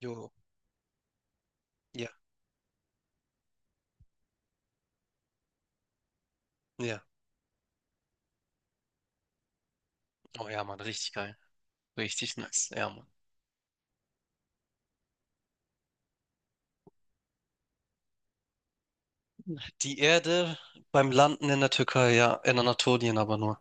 Jo, ja, ja. Oh ja, Mann, richtig geil. Richtig nice, ja, Mann. Die Erde beim Landen in der Türkei, ja, in Anatolien aber nur.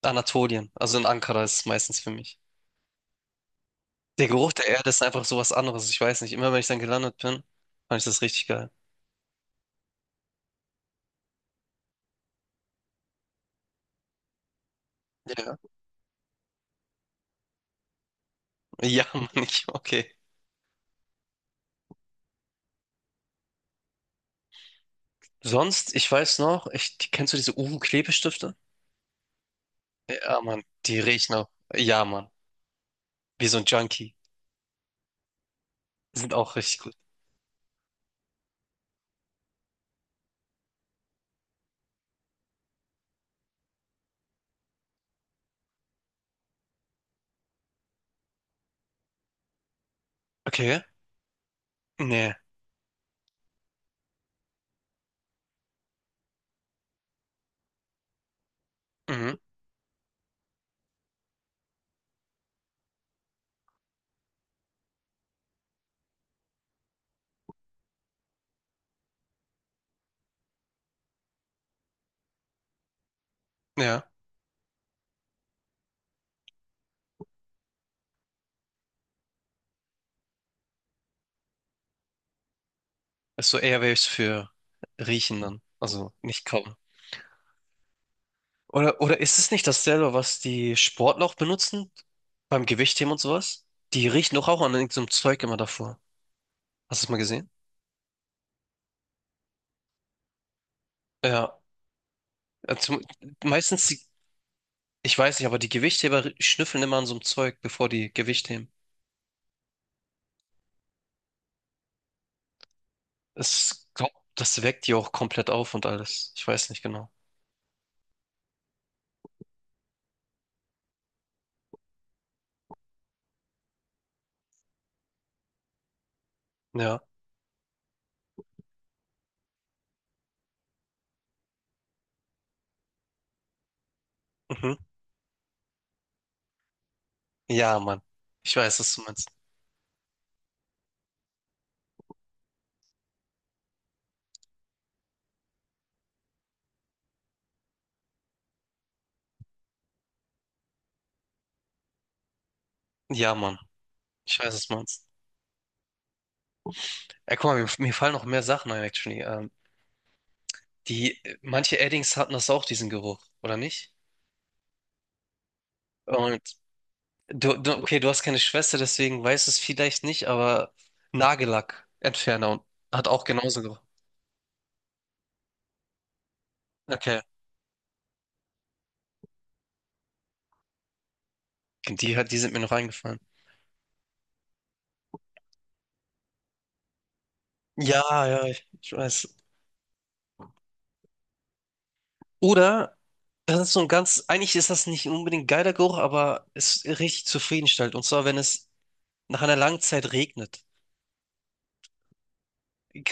Anatolien, also in Ankara ist es meistens für mich. Der Geruch der Erde ist einfach so was anderes, ich weiß nicht. Immer wenn ich dann gelandet bin, fand ich das richtig geil. Ja, ja, Mann, okay. Sonst, ich weiß noch, kennst du diese Uhu-Klebestifte? Ja, Mann, die riechen auch. Ja, Mann, wie so ein Junkie. Sind auch richtig gut. Okay, nee, mhm, ja. Ist so Airwaves für Riechen dann. Also nicht kauen. Oder ist es nicht dasselbe, was die Sportler auch benutzen? Beim Gewichtheben und sowas? Die riechen doch auch an irgendeinem Zeug immer davor. Hast du es mal gesehen? Ja. Also, meistens, ich weiß nicht, aber die Gewichtheber schnüffeln immer an so einem Zeug, bevor die Gewicht heben. Es, glaub, das weckt die auch komplett auf und alles. Ich weiß nicht genau. Ja. Mhm. Ja, Mann. Ich weiß, was du meinst. Ja, Mann. Ich weiß, was du meinst. Ey, guck mal, mir fallen noch mehr Sachen ein, actually. Manche Eddings hatten das auch, diesen Geruch, oder nicht? Und okay, du hast keine Schwester, deswegen weißt du es vielleicht nicht, aber Nagellackentferner und hat auch genauso gerochen. Okay. Die hat, die sind mir noch eingefallen. Ja, ja, ich weiß. Oder, das ist so ein ganz, eigentlich ist das nicht unbedingt ein geiler Geruch, aber es ist richtig zufriedenstellend. Und zwar, wenn es nach einer langen Zeit regnet.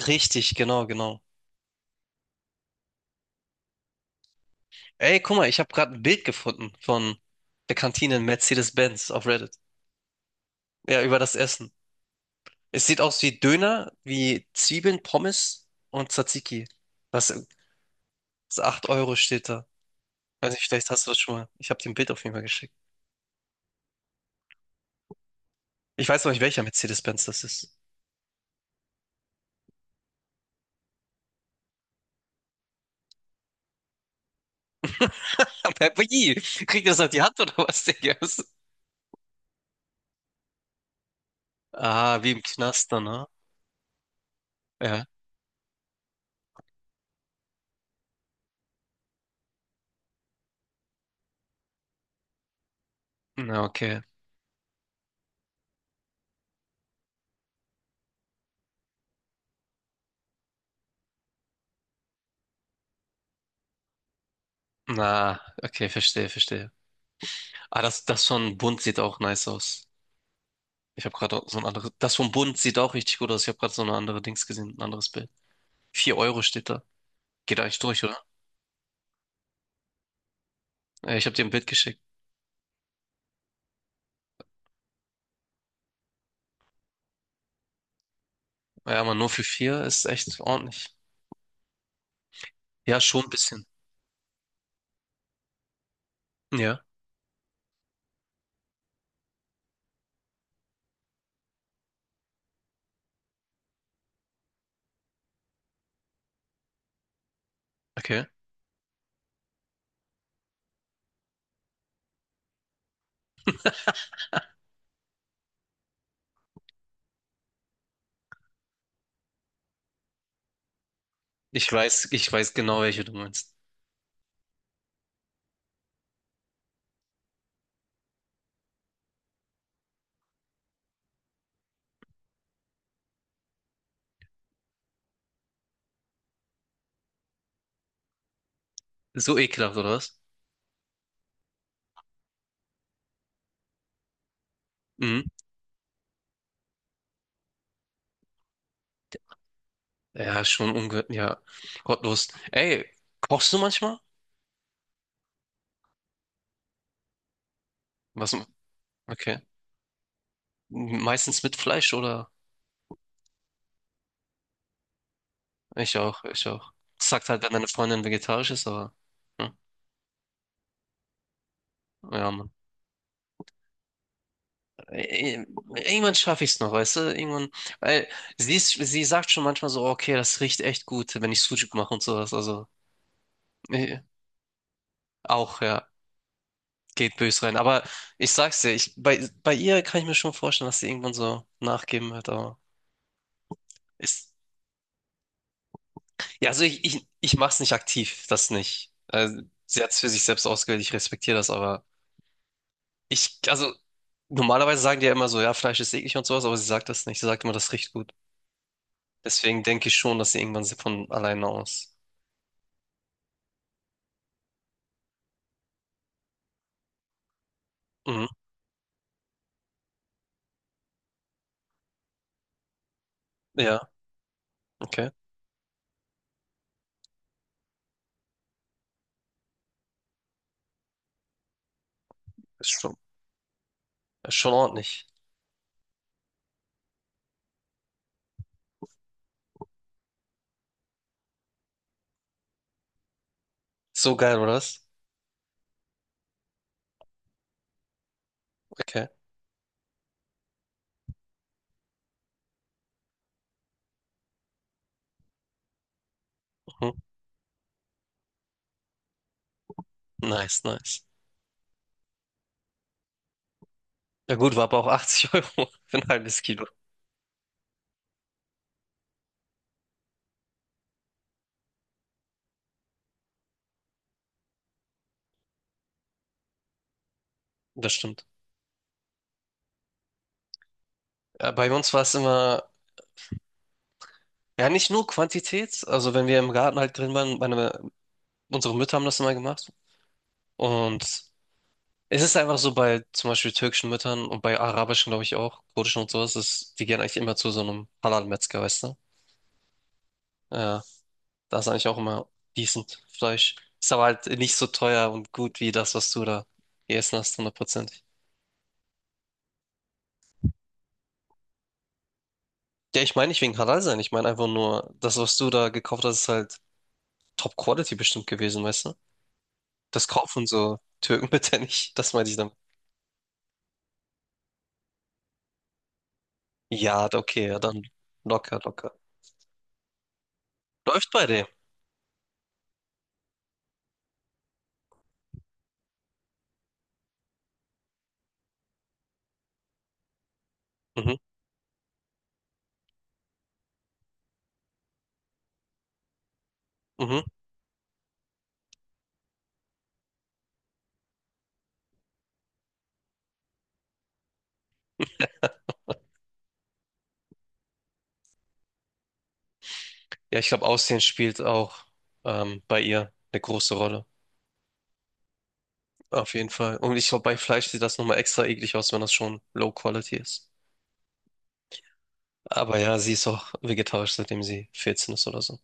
Richtig, genau, genau. Ey, guck mal, ich habe gerade ein Bild gefunden von der Kantine in Mercedes-Benz auf Reddit. Ja, über das Essen. Es sieht aus wie Döner, wie Zwiebeln, Pommes und Tzatziki. Das, das 8 Euro steht da. Weiß nicht, vielleicht hast du das schon mal. Ich habe dir ein Bild auf jeden Fall geschickt. Ich weiß noch nicht, welcher Mercedes-Benz das ist. Aber wie? Kriegt ihr das auf die Hand oder was, Digga? Was- Ah, wie im Knast dann, ne? Ja. Na, okay. Na, okay, verstehe, verstehe. Ah, das von Bund sieht auch nice aus. Ich habe gerade so ein anderes. Das von Bund sieht auch richtig gut aus. Ich habe gerade so eine andere Dings gesehen, ein anderes Bild. 4 Euro steht da. Geht eigentlich durch. Ich habe dir ein Bild geschickt. Ja, aber nur für vier ist echt ordentlich. Ja, schon ein bisschen. Ja, okay. Ich weiß genau, welche du meinst. So ekelhaft, oder was? Mhm. Ja, schon unge... Ja, gottlos. Ey, kochst du manchmal? Was? Okay. Meistens mit Fleisch, oder? Ich auch, ich auch. Sagt halt, wenn deine Freundin vegetarisch ist, aber... Hm. Ja, Mann. Ey, irgendwann schaffe ich es noch, weißt du? Irgendwann... Weil sie sagt schon manchmal so, okay, das riecht echt gut, wenn ich Sucuk mache und sowas, also... Auch, ja, geht bös rein. Aber ich sag's dir, ich, bei ihr kann ich mir schon vorstellen, dass sie irgendwann so nachgeben wird, aber ist, ja, also ich, mach's nicht aktiv, das nicht. Also, sie hat's für sich selbst ausgewählt, ich respektiere das, aber ich, also normalerweise sagen die ja immer so, ja, Fleisch ist eklig und sowas, aber sie sagt das nicht, sie sagt immer, das riecht gut. Deswegen denke ich schon, dass sie irgendwann von alleine aus. Mhm. Ja, okay. Ist schon, ist schon ordentlich. So geil, oder was? Okay. Mhm. Nice, nice. Ja gut, war aber auch 80 Euro für ein halbes Kilo. Das stimmt. Ja, bei uns war es immer, ja, nicht nur Quantität. Also, wenn wir im Garten halt drin waren, meine, unsere Mütter haben das immer gemacht. Und es ist einfach so bei zum Beispiel türkischen Müttern und bei arabischen, glaube ich, auch, kurdischen und sowas, ist, die gehen eigentlich immer zu so einem Halal-Metzger, weißt du? Ja, da ist eigentlich auch immer decent Fleisch. Ist aber halt nicht so teuer und gut wie das, was du da gegessen hast, hundertprozentig. Ja, ich meine nicht wegen Halal sein. Ich meine einfach nur, das, was du da gekauft hast, ist halt Top-Quality bestimmt gewesen, weißt du? Das kaufen so Türken bitte nicht. Das meinte ich dann. Ja, okay, ja, dann locker, locker. Läuft bei dem. Mhm, mhm. Ja, ich glaube, Aussehen spielt auch bei ihr eine große Rolle. Auf jeden Fall. Und ich glaube, bei Fleisch sieht das nochmal extra eklig aus, wenn das schon Low Quality ist. Aber ja, sie ist auch vegetarisch, seitdem sie 14 ist oder so.